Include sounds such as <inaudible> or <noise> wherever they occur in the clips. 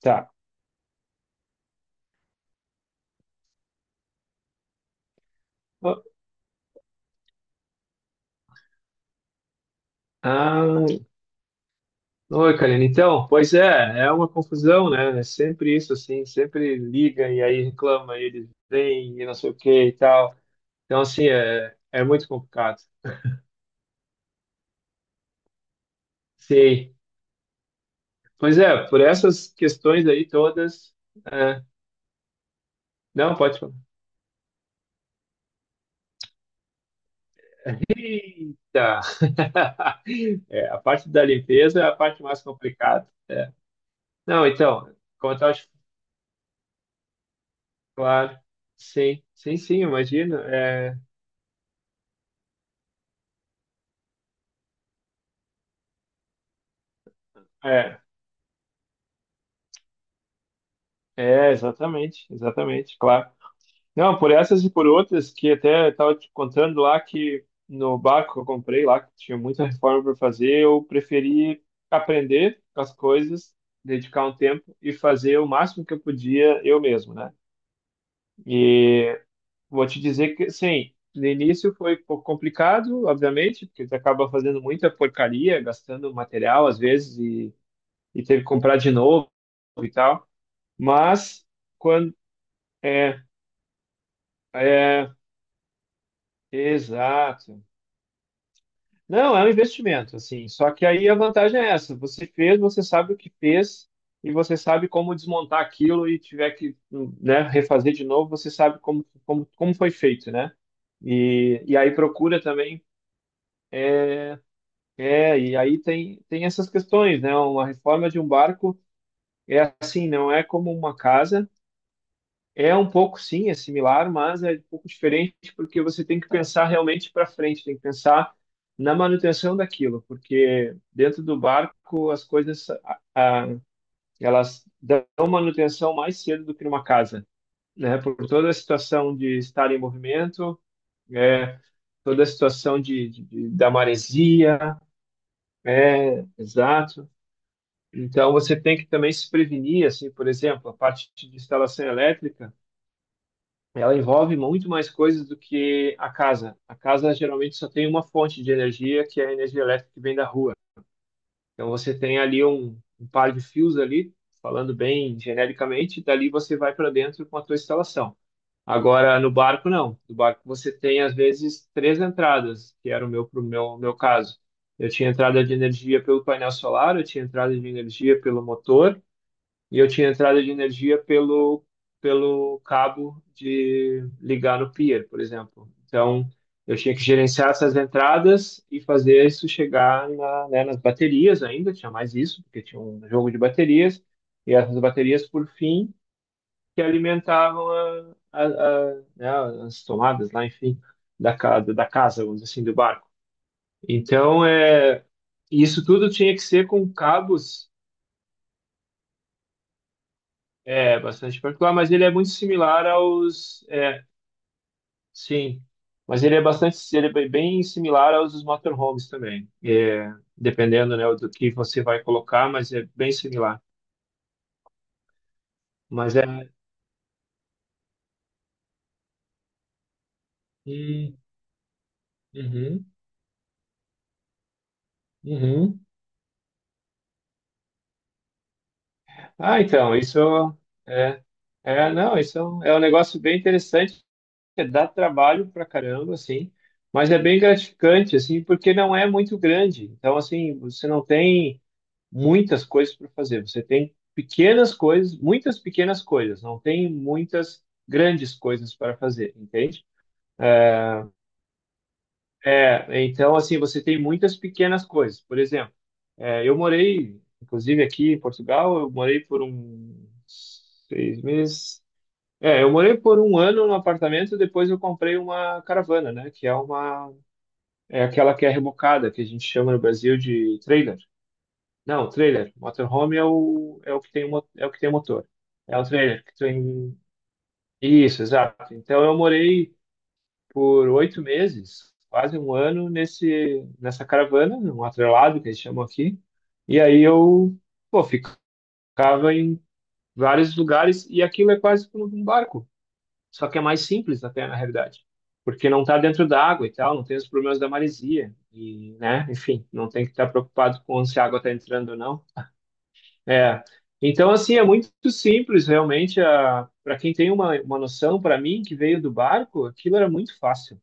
Tá. Ah, oi, Karina. Então, pois é uma confusão, né? É sempre isso, assim, sempre liga e aí reclama, e eles vêm e não sei o que e tal. Então, assim, é muito complicado. Sei. Pois é, por essas questões aí todas. é, não, pode falar. Eita! <laughs> É, a parte da limpeza é a parte mais complicada. É. Não, então, como eu tava te- claro, sim, sim, sim, imagino. É, é. É, exatamente, exatamente, claro. Não, por essas e por outras que até estava te contando lá que no barco que eu comprei lá, que tinha muita reforma para fazer, eu preferi aprender as coisas, dedicar um tempo e fazer o máximo que eu podia eu mesmo, né? E vou te dizer que, sim, no início foi um pouco complicado, obviamente, porque você acaba fazendo muita porcaria, gastando material às vezes e teve que comprar de novo e tal, mas quando é. É, exato. Não, é um investimento, assim. Só que aí a vantagem é essa: você fez, você sabe o que fez e você sabe como desmontar aquilo e tiver que, né, refazer de novo, você sabe como foi feito, né? E aí procura também. É, e aí tem essas questões, né? Uma reforma de um barco é assim, não é como uma casa. É um pouco, sim, é similar, mas é um pouco diferente porque você tem que pensar realmente para frente, tem que pensar na manutenção daquilo, porque dentro do barco as coisas elas dão manutenção mais cedo do que numa casa, né? Por toda a situação de estar em movimento, é, toda a situação da maresia, é, exato. Então você tem que também se prevenir, assim, por exemplo, a parte de instalação elétrica. Ela envolve muito mais coisas do que a casa. A casa geralmente só tem uma fonte de energia, que é a energia elétrica que vem da rua. Então você tem ali um par de fios ali, falando bem genericamente, e dali você vai para dentro com a tua instalação. Agora no barco não. No barco você tem às vezes três entradas, que era o meu pro meu caso. Eu tinha entrada de energia pelo painel solar, eu tinha entrada de energia pelo motor e eu tinha entrada de energia pelo cabo de ligar no pier, por exemplo. Então, eu tinha que gerenciar essas entradas e fazer isso chegar na, né, nas baterias ainda, tinha mais isso, porque tinha um jogo de baterias, e essas baterias, por fim, que alimentavam a, né, as tomadas lá, enfim, da casa, vamos dizer assim, do barco. Então, isso tudo tinha que ser com cabos. É, bastante particular, mas ele é muito similar aos. É, sim. Mas ele é bastante. Ele é bem similar aos dos motorhomes também. É, dependendo, né, do que você vai colocar, mas é bem similar. Mas é. Hum, uhum, uhum. Ah, então, isso é. É, não, isso é um negócio bem interessante. É, dá trabalho pra caramba, assim. Mas é bem gratificante, assim, porque não é muito grande. Então, assim, você não tem muitas coisas para fazer. Você tem pequenas coisas, muitas pequenas coisas, não tem muitas grandes coisas para fazer, entende? É, então, assim, você tem muitas pequenas coisas. Por exemplo, é, eu morei, inclusive aqui em Portugal, eu morei por 6 meses. É, eu morei por um ano no apartamento, depois eu comprei uma caravana, né? Que é uma, é aquela que é rebocada, que a gente chama no Brasil de trailer. Não, o trailer. Motorhome é o, que tem, é o que tem o motor. É o trailer que tem. Isso, exato. Então eu morei por 8 meses, quase um ano, nessa caravana, num atrelado que eles chamam aqui. E aí eu, pô, ficava em vários lugares e aquilo é quase como um barco. Só que é mais simples até, na realidade. Porque não está dentro da água e tal, não tem os problemas da maresia. E, né, enfim, não tem que estar preocupado com se a água está entrando ou não. É. Então, assim, é muito simples, realmente. Para quem tem uma noção, para mim, que veio do barco, aquilo era muito fácil,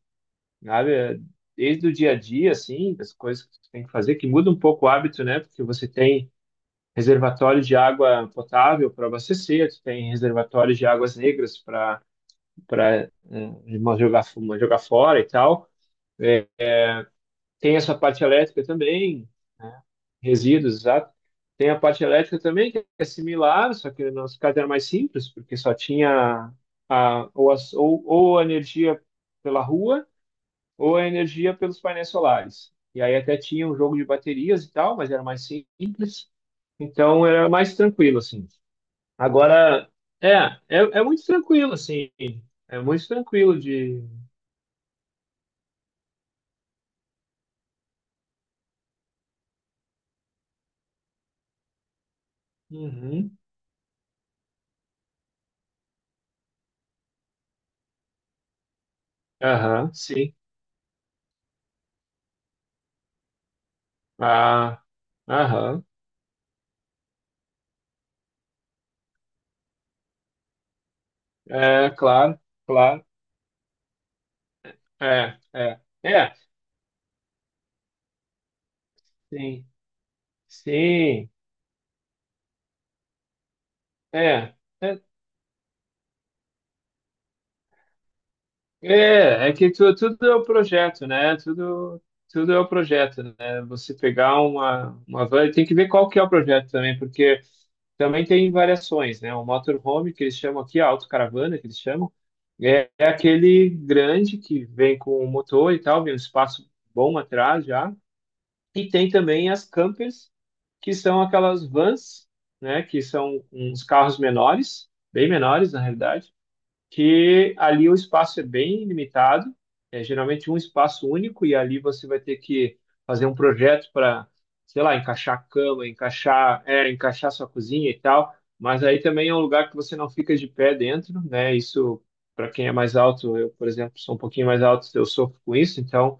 sabe? É, desde o dia a dia, assim, das coisas que você tem que fazer, que muda um pouco o hábito, né? Porque você tem reservatório de água potável para abastecer, tu tem reservatório de águas negras para para jogar fora e tal. É, tem essa parte elétrica também, né? Resíduos, exato. Tem a parte elétrica também, que é similar, só que no nosso caso era mais simples, porque só tinha a, ou, as- ou a energia pela rua, ou a energia pelos painéis solares. E aí até tinha um jogo de baterias e tal, mas era mais simples. Então era mais tranquilo, assim. Agora, é muito tranquilo, assim. É muito tranquilo de. Uhum. Aham, sim. Ah, aham. É, claro, claro. É, sim, sim, é, é, tudo é o projeto, né? Tudo é o projeto, né? Você pegar uma van, tem que ver qual que é o projeto também, porque também tem variações, né? O motorhome, que eles chamam aqui, a autocaravana, que eles chamam, é aquele grande que vem com o motor e tal, vem um espaço bom atrás já. E tem também as campers, que são aquelas vans, né, que são uns carros menores, bem menores na realidade, que ali o espaço é bem limitado, é geralmente um espaço único e ali você vai ter que fazer um projeto para, sei lá, encaixar a cama, encaixar, encaixar sua cozinha e tal, mas aí também é um lugar que você não fica de pé dentro, né? Isso para quem é mais alto, eu, por exemplo, sou um pouquinho mais alto, eu sofro com isso, então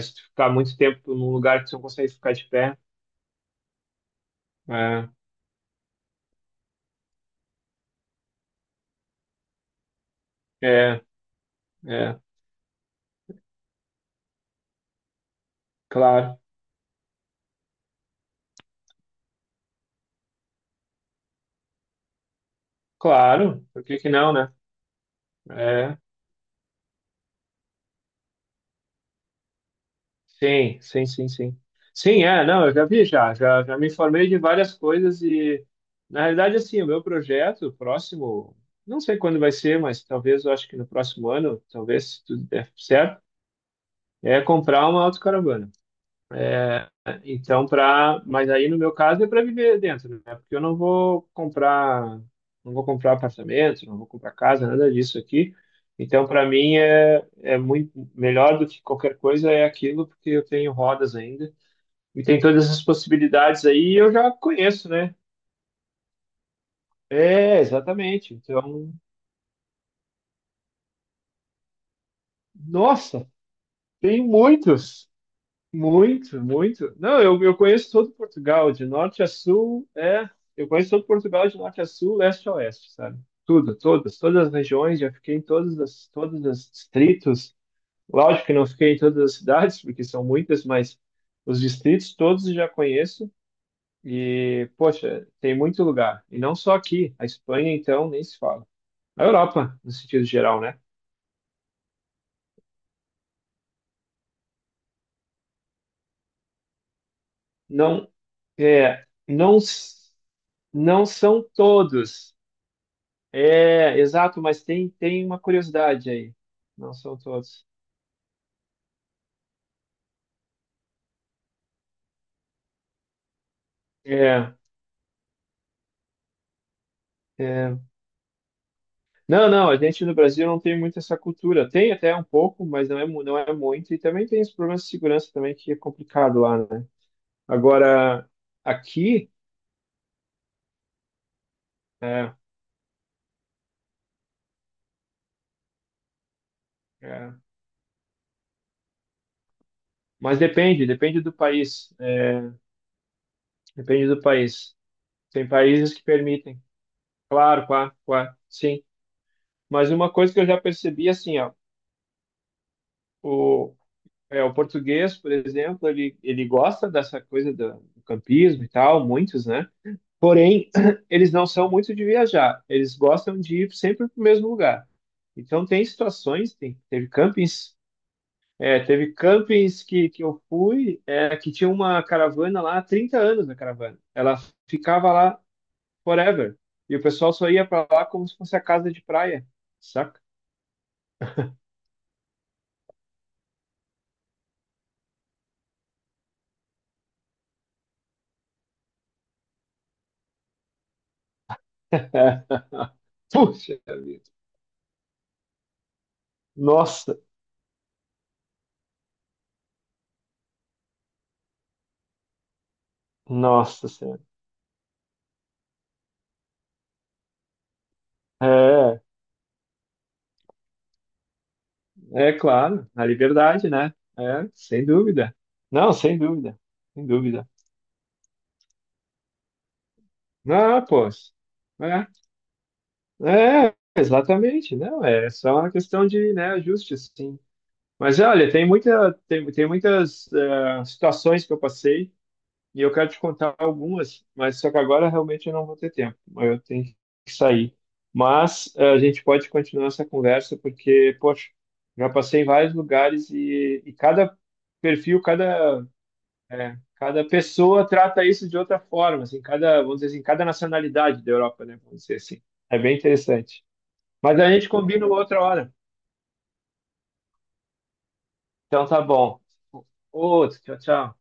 se tu ficar muito tempo num lugar que tu não consegue ficar de pé, é, é, é, claro, claro, por que que não, né? É, sim, sim, sim, sim. Sim, é, não, eu já vi, já me informei de várias coisas e, na realidade, assim, o meu projeto próximo, não sei quando vai ser, mas talvez, eu acho que no próximo ano, talvez, se tudo der certo, é comprar uma autocaravana. Então, mas aí no meu caso é para viver dentro, né? Porque eu não vou comprar apartamento, não vou comprar casa, nada disso aqui. Então, para mim é muito melhor do que qualquer coisa é aquilo, porque eu tenho rodas ainda e tem todas as possibilidades aí, e eu já conheço, né? É, exatamente. Então, nossa, tem muitos. Muito, muito. Não, eu conheço todo Portugal, de norte a sul, é. Eu conheço todo Portugal, de norte a sul, leste a oeste, sabe? Tudo, todas as regiões, já fiquei em todos os distritos. Lógico que não fiquei em todas as cidades, porque são muitas, mas os distritos todos eu já conheço. E, poxa, tem muito lugar. E não só aqui, a Espanha, então, nem se fala. A Europa, no sentido geral, né? Não, é, não, não são todos. É, exato, mas tem uma curiosidade aí. Não são todos. É, é. Não, não, a gente no Brasil não tem muito essa cultura. Tem até um pouco, mas não é muito. E também tem os problemas de segurança também, que é complicado lá, né? Agora, aqui, é, é. Mas depende do país. Depende do país. Tem países que permitem. Claro, claro, claro, sim. Mas uma coisa que eu já percebi, assim, ó, é, o português, por exemplo, ele gosta dessa coisa do, campismo e tal, muitos, né? Porém, <clears throat> eles não são muito de viajar, eles gostam de ir sempre para o mesmo lugar. Então, tem situações, tem, teve campings, é, teve campings que eu fui, que tinha uma caravana lá há 30 anos na caravana. Ela ficava lá forever. E o pessoal só ia para lá como se fosse a casa de praia, saca? <laughs> Puxa vida. Nossa, nossa senhora. É, é claro, a liberdade, né? É, sem dúvida. Não, sem dúvida, sem dúvida. Ah, pô, é, exatamente, não, é só uma questão de, né, ajuste, sim. Mas olha, tem muitas situações que eu passei. E eu quero te contar algumas, mas só que agora realmente eu não vou ter tempo. Eu tenho que sair. Mas a gente pode continuar essa conversa porque, poxa, já passei em vários lugares e cada perfil, cada pessoa trata isso de outra forma, assim, cada, vamos dizer assim, cada nacionalidade da Europa, né? Vamos dizer assim. É bem interessante. Mas a gente combina outra hora. Então tá bom. Outro, tchau, tchau.